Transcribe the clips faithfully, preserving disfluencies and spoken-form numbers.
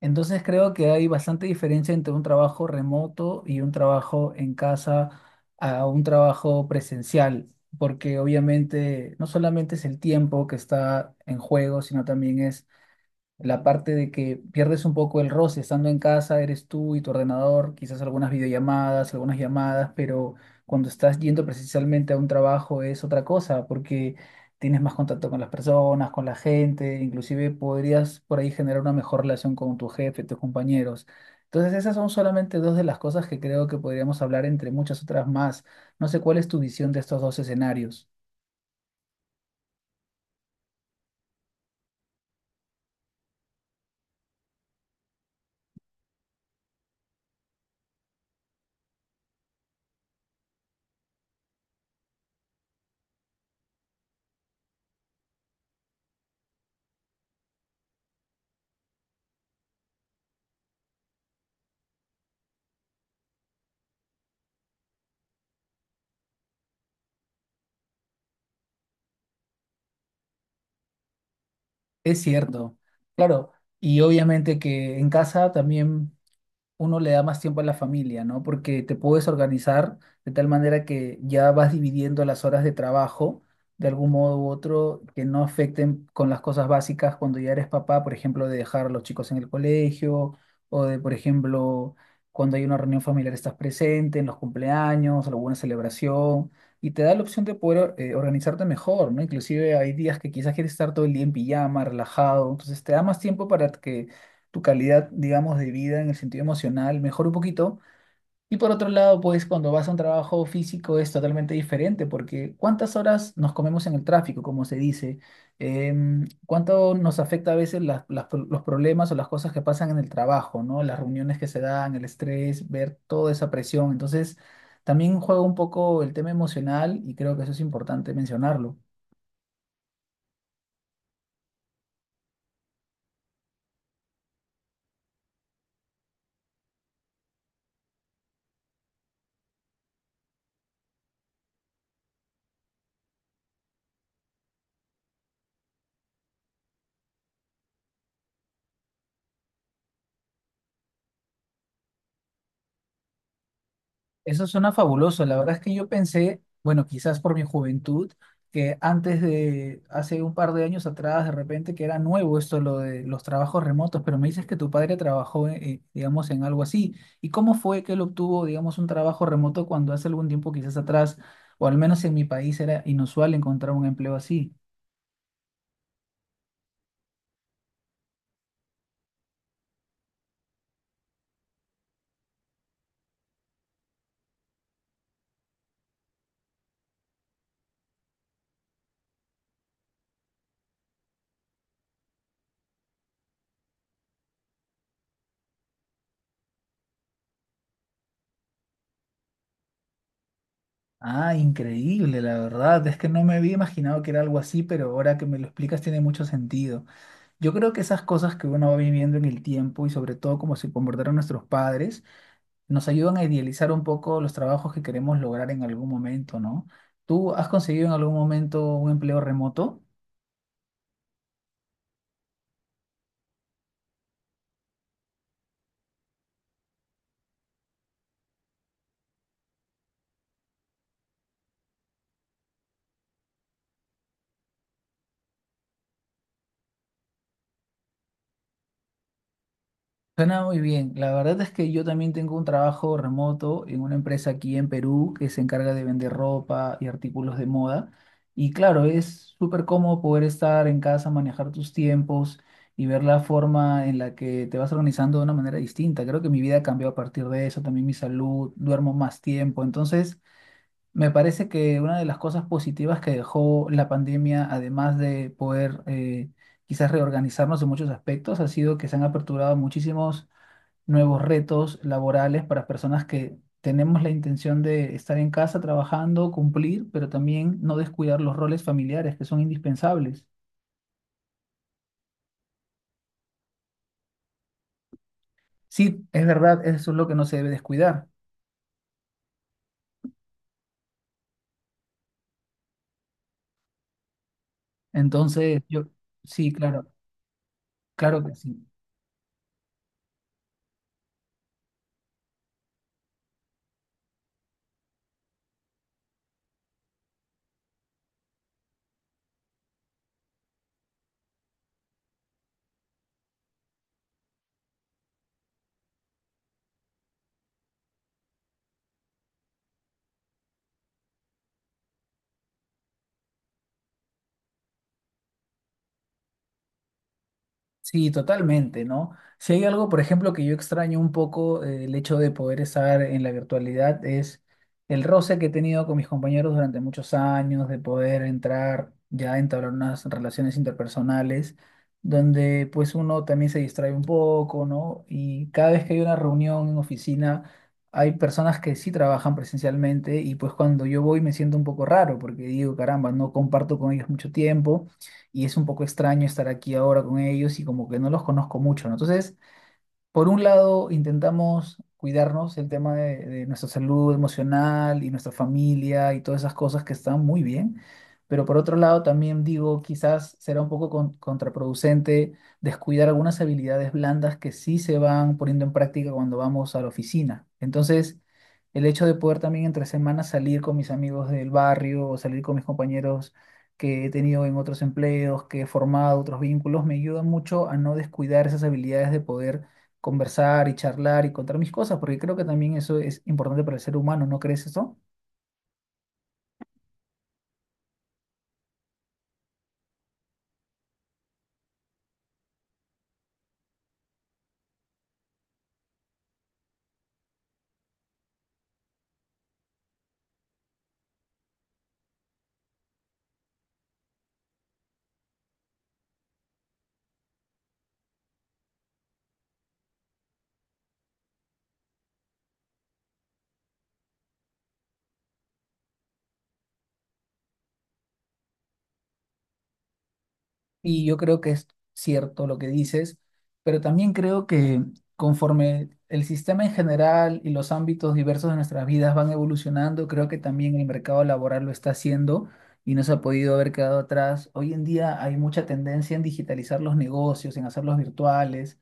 Entonces creo que hay bastante diferencia entre un trabajo remoto y un trabajo en casa a un trabajo presencial, porque obviamente no solamente es el tiempo que está en juego, sino también es la parte de que pierdes un poco el roce, estando en casa eres tú y tu ordenador, quizás algunas videollamadas, algunas llamadas, pero cuando estás yendo precisamente a un trabajo es otra cosa, porque tienes más contacto con las personas, con la gente, inclusive podrías por ahí generar una mejor relación con tu jefe, tus compañeros. Entonces esas son solamente dos de las cosas que creo que podríamos hablar entre muchas otras más. No sé cuál es tu visión de estos dos escenarios. Es cierto, claro. Y obviamente que en casa también uno le da más tiempo a la familia, ¿no? Porque te puedes organizar de tal manera que ya vas dividiendo las horas de trabajo de algún modo u otro que no afecten con las cosas básicas cuando ya eres papá, por ejemplo, de dejar a los chicos en el colegio o de, por ejemplo, cuando hay una reunión familiar estás presente en los cumpleaños, alguna celebración. Y te da la opción de poder eh, organizarte mejor, ¿no? Inclusive hay días que quizás quieres estar todo el día en pijama, relajado, entonces te da más tiempo para que tu calidad, digamos, de vida en el sentido emocional mejora un poquito. Y por otro lado, pues cuando vas a un trabajo físico es totalmente diferente, porque ¿cuántas horas nos comemos en el tráfico, como se dice? Em, ¿cuánto nos afecta a veces las- las pro- los problemas o las cosas que pasan en el trabajo, ¿no? Las reuniones que se dan, el estrés, ver toda esa presión. Entonces, también juega un poco el tema emocional y creo que eso es importante mencionarlo. Eso suena fabuloso. La verdad es que yo pensé, bueno, quizás por mi juventud, que antes de, hace un par de años atrás, de repente, que era nuevo esto, lo de los trabajos remotos, pero me dices que tu padre trabajó, eh, eh, digamos, en algo así. ¿Y cómo fue que él obtuvo, digamos, un trabajo remoto cuando hace algún tiempo, quizás atrás, o al menos en mi país, era inusual encontrar un empleo así? Ah, increíble, la verdad. Es que no me había imaginado que era algo así, pero ahora que me lo explicas tiene mucho sentido. Yo creo que esas cosas que uno va viviendo en el tiempo y sobre todo cómo se comportaron nuestros padres, nos ayudan a idealizar un poco los trabajos que queremos lograr en algún momento, ¿no? ¿Tú has conseguido en algún momento un empleo remoto? Suena muy bien. La verdad es que yo también tengo un trabajo remoto en una empresa aquí en Perú que se encarga de vender ropa y artículos de moda. Y claro, es súper cómodo poder estar en casa, manejar tus tiempos y ver la forma en la que te vas organizando de una manera distinta. Creo que mi vida cambió a partir de eso, también mi salud, duermo más tiempo. Entonces, me parece que una de las cosas positivas que dejó la pandemia, además de poder eh, quizás reorganizarnos en muchos aspectos, ha sido que se han aperturado muchísimos nuevos retos laborales para personas que tenemos la intención de estar en casa trabajando, cumplir, pero también no descuidar los roles familiares que son indispensables. Sí, es verdad, eso es lo que no se debe descuidar. Entonces, yo, sí, claro, claro que sí. Sí, totalmente, ¿no? Si hay algo, por ejemplo, que yo extraño un poco, eh, el hecho de poder estar en la virtualidad es el roce que he tenido con mis compañeros durante muchos años, de poder entrar ya a entablar unas relaciones interpersonales, donde pues uno también se distrae un poco, ¿no? Y cada vez que hay una reunión en oficina, hay personas que sí trabajan presencialmente y pues cuando yo voy me siento un poco raro porque digo, caramba, no comparto con ellos mucho tiempo y es un poco extraño estar aquí ahora con ellos y como que no los conozco mucho, ¿no? Entonces... Por un lado, intentamos cuidarnos el tema de, de nuestra salud emocional y nuestra familia y todas esas cosas que están muy bien, pero por otro lado también digo, quizás será un poco con- contraproducente descuidar algunas habilidades blandas que sí se van poniendo en práctica cuando vamos a la oficina. Entonces, el hecho de poder también entre semanas salir con mis amigos del barrio o salir con mis compañeros que he tenido en otros empleos, que he formado otros vínculos, me ayuda mucho a no descuidar esas habilidades de poder conversar y charlar y contar mis cosas, porque creo que también eso es importante para el ser humano, ¿no crees eso? Y yo creo que es cierto lo que dices, pero también creo que conforme el sistema en general y los ámbitos diversos de nuestras vidas van evolucionando, creo que también el mercado laboral lo está haciendo y no se ha podido haber quedado atrás. Hoy en día hay mucha tendencia en digitalizar los negocios, en hacerlos virtuales.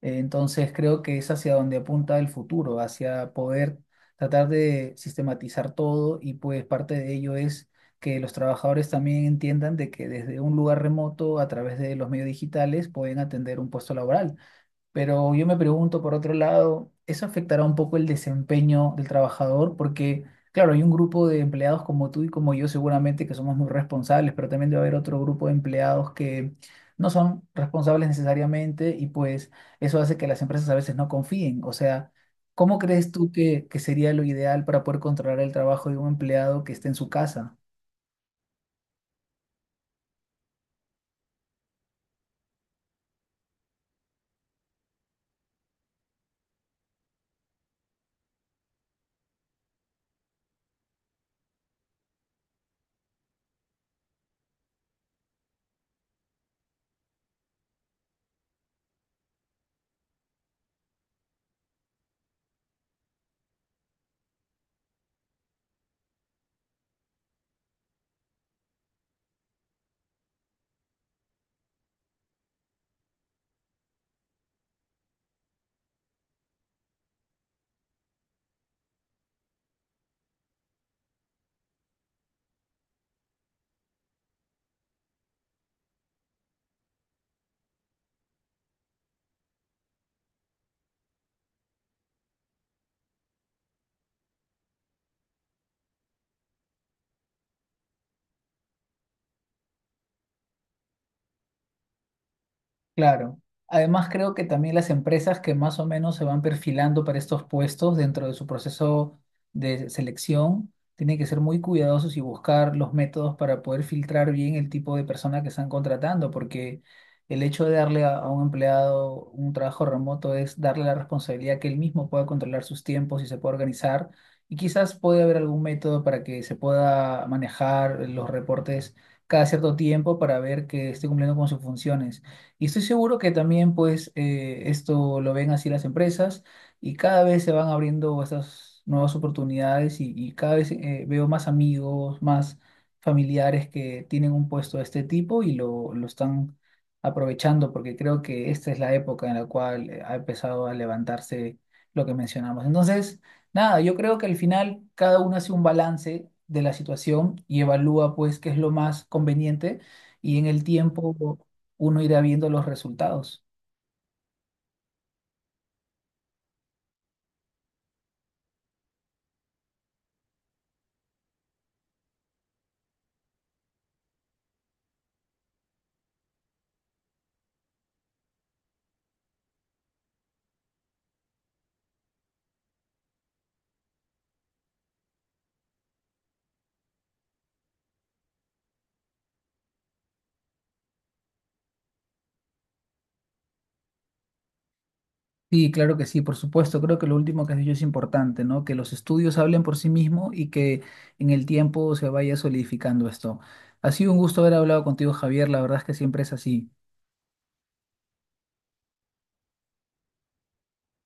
Eh, Entonces creo que es hacia donde apunta el futuro, hacia poder tratar de sistematizar todo y pues parte de ello es que los trabajadores también entiendan de que desde un lugar remoto, a través de los medios digitales, pueden atender un puesto laboral. Pero yo me pregunto, por otro lado, ¿eso afectará un poco el desempeño del trabajador? Porque, claro, hay un grupo de empleados como tú y como yo seguramente que somos muy responsables, pero también debe haber otro grupo de empleados que no son responsables necesariamente y pues eso hace que las empresas a veces no confíen. O sea, ¿cómo crees tú que, que sería lo ideal para poder controlar el trabajo de un empleado que esté en su casa? Claro. Además, creo que también las empresas que más o menos se van perfilando para estos puestos dentro de su proceso de selección tienen que ser muy cuidadosos y buscar los métodos para poder filtrar bien el tipo de persona que están contratando, porque el hecho de darle a, a un empleado un trabajo remoto es darle la responsabilidad que él mismo pueda controlar sus tiempos y se pueda organizar. Y quizás puede haber algún método para que se pueda manejar los reportes cada cierto tiempo para ver que esté cumpliendo con sus funciones. Y estoy seguro que también, pues, eh, esto lo ven así las empresas y cada vez se van abriendo estas nuevas oportunidades y, y cada vez eh, veo más amigos, más familiares que tienen un puesto de este tipo y lo, lo están aprovechando porque creo que esta es la época en la cual eh, ha empezado a levantarse lo que mencionamos. Entonces, nada, yo creo que al final cada uno hace un balance de la situación y evalúa, pues, qué es lo más conveniente y en el tiempo uno irá viendo los resultados. Sí, claro que sí, por supuesto. Creo que lo último que has dicho es importante, ¿no? Que los estudios hablen por sí mismos y que en el tiempo se vaya solidificando esto. Ha sido un gusto haber hablado contigo, Javier. La verdad es que siempre es así.